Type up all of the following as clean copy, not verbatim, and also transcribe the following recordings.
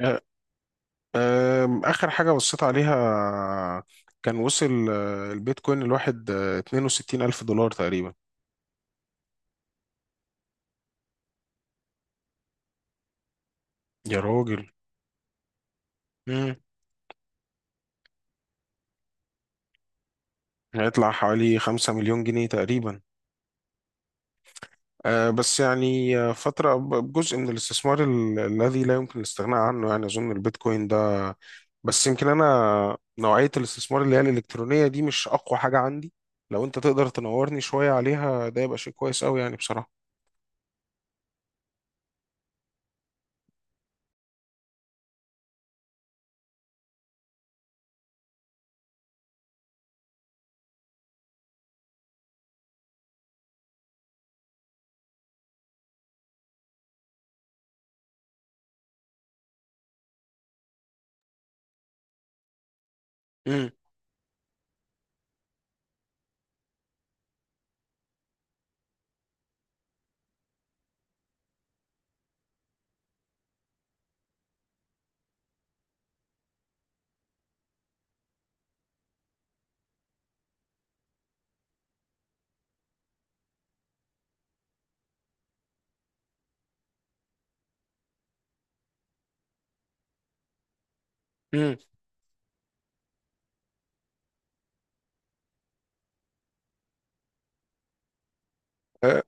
أه، آخر حاجة بصيت عليها. كان وصل البيتكوين الواحد 62 ألف دولار تقريبا. يا راجل. مم. هيطلع حوالي 5 مليون جنيه تقريبا. بس يعني فترة جزء من الاستثمار الذي لا يمكن الاستغناء عنه، يعني أظن البيتكوين ده. بس يمكن أنا نوعية الاستثمار اللي هي الإلكترونية دي مش أقوى حاجة عندي. لو أنت تقدر تنورني شوية عليها ده يبقى شيء كويس أوي يعني، بصراحة. مم. مم.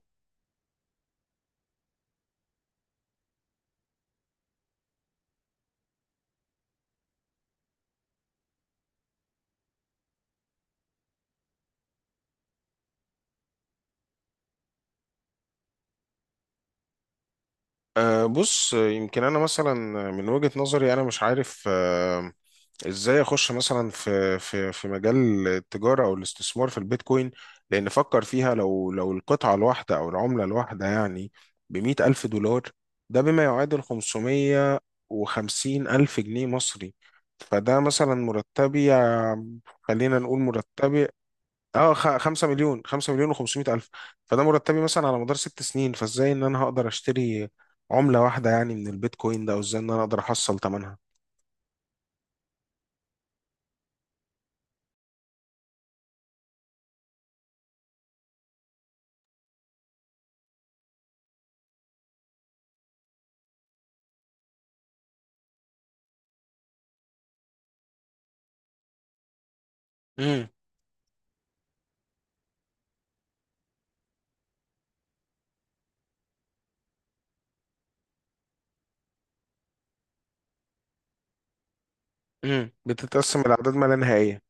أه، بص، يمكن انا مثلا من وجهة نظري انا مش عارف ازاي اخش مثلا في مجال التجارة او الاستثمار في البيتكوين. لان فكر فيها، لو القطعة الواحدة او العملة الواحدة يعني ب100 ألف دولار. ده بما يعادل 550 ألف جنيه مصري. فده مثلا مرتبي، خلينا نقول مرتبي. اه، 5 مليون و500 الف. فده مرتبي مثلا على مدار 6 سنين. فازاي ان انا هقدر اشتري عملة واحدة يعني من البيتكوين ده، او ازاي ان انا اقدر احصل ثمنها. امم. بتتقسم الاعداد ما لا نهائية.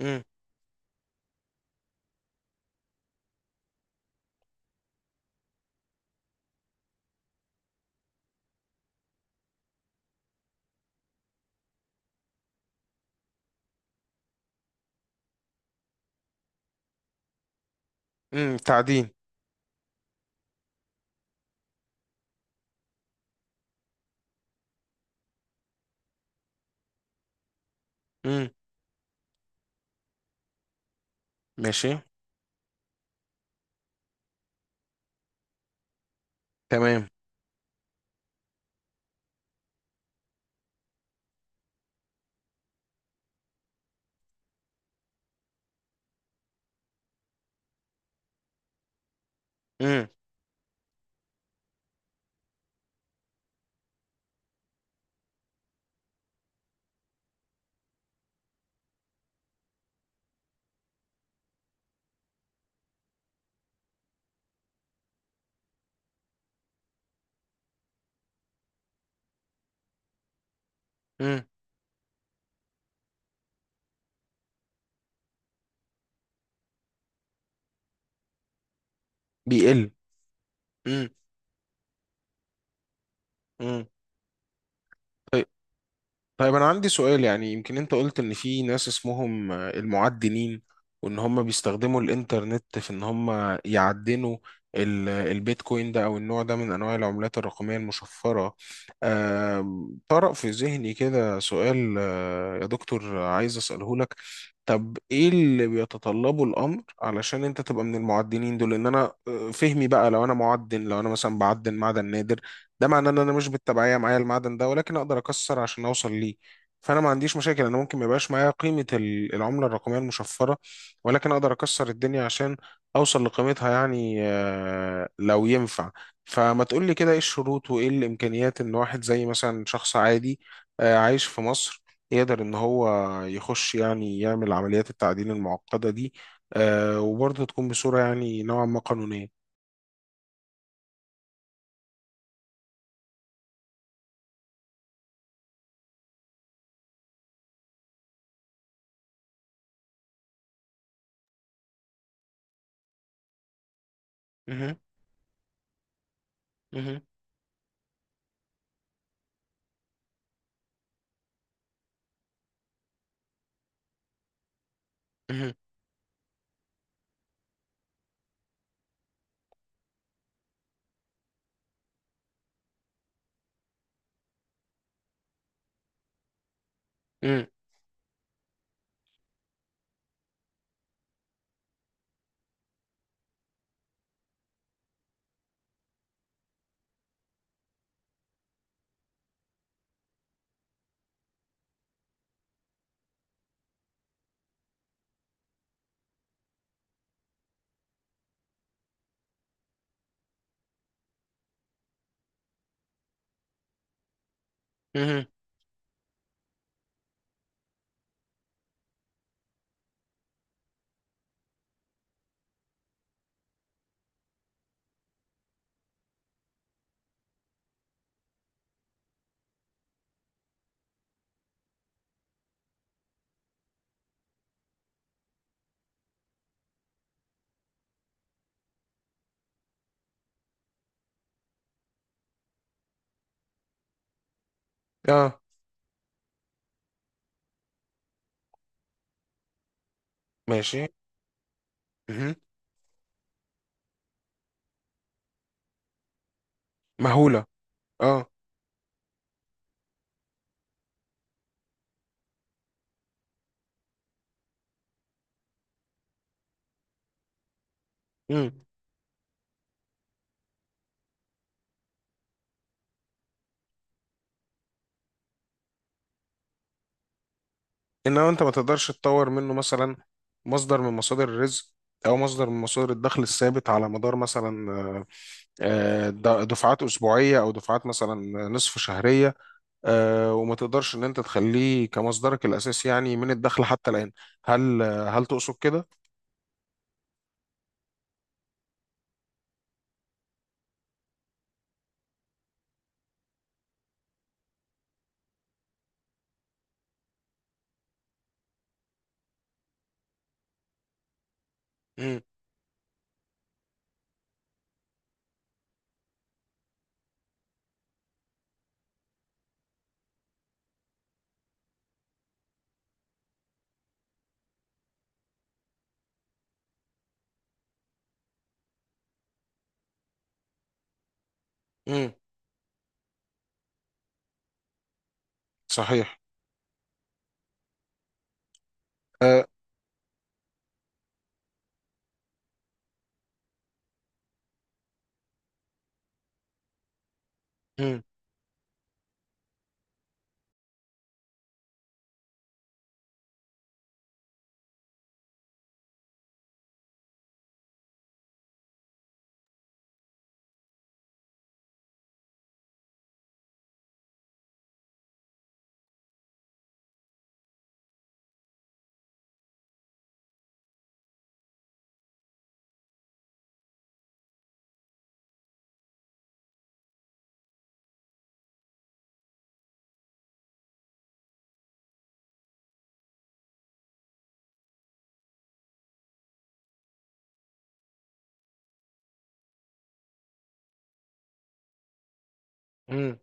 امم. تعدين. امم. ماشي. تمام. امم. امم. بيقل. امم. امم. طيب، أنا عندي سؤال. يعني يمكن أنت قلت إن في ناس اسمهم المعدنين، وإن هم بيستخدموا الإنترنت في إن هم يعدنوا البيتكوين ده، أو النوع ده من أنواع العملات الرقمية المشفرة. طرأ في ذهني كده سؤال، يا دكتور، عايز أسأله لك. طب إيه اللي بيتطلبه الأمر علشان أنت تبقى من المعدنين دول؟ إن أنا فهمي بقى، لو أنا معدن، لو أنا مثلا بعدن معدن نادر، ده معناه ان انا مش بالتبعيه معايا المعدن ده، ولكن اقدر اكسر عشان اوصل ليه. فانا ما عنديش مشاكل، انا ممكن ما يبقاش معايا قيمه العمله الرقميه المشفره، ولكن اقدر اكسر الدنيا عشان اوصل لقيمتها، يعني لو ينفع. فما تقول لي كده، ايه الشروط وايه الامكانيات ان واحد زي مثلا شخص عادي عايش في مصر يقدر ان هو يخش يعني يعمل عمليات التعدين المعقده دي، وبرضه تكون بصوره يعني نوعا ما قانونيه. مهم. مهم. مهم. مهم. مهم. اه. ماشي. مهم. مهولة. اه. مم. انما انت ما تقدرش تطور منه مثلا مصدر من مصادر الرزق او مصدر من مصادر الدخل الثابت على مدار مثلا دفعات اسبوعيه او دفعات مثلا نصف شهريه، وما تقدرش ان انت تخليه كمصدرك الاساسي يعني من الدخل حتى الان. هل تقصد كده؟ مم. مم. صحيح. آه. مم. مم.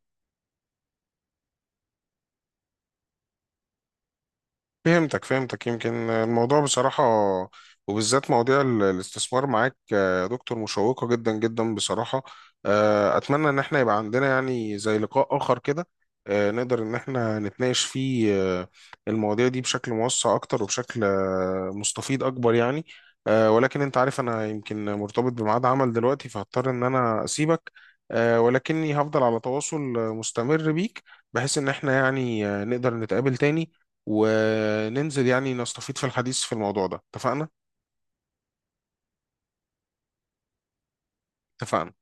فهمتك فهمتك، يمكن الموضوع بصراحة، وبالذات مواضيع الاستثمار معاك يا دكتور مشوقة جدا جدا، بصراحة. أتمنى إن احنا يبقى عندنا يعني زي لقاء آخر كده، نقدر إن احنا نتناقش فيه آه، المواضيع دي بشكل موسع أكتر وبشكل مستفيض أكبر يعني. ولكن أنت عارف أنا يمكن مرتبط بميعاد عمل دلوقتي، فهضطر إن أنا أسيبك. ولكني هفضل على تواصل مستمر بيك، بحيث إن احنا يعني نقدر نتقابل تاني وننزل يعني نستفيد في الحديث في الموضوع ده. اتفقنا؟ اتفقنا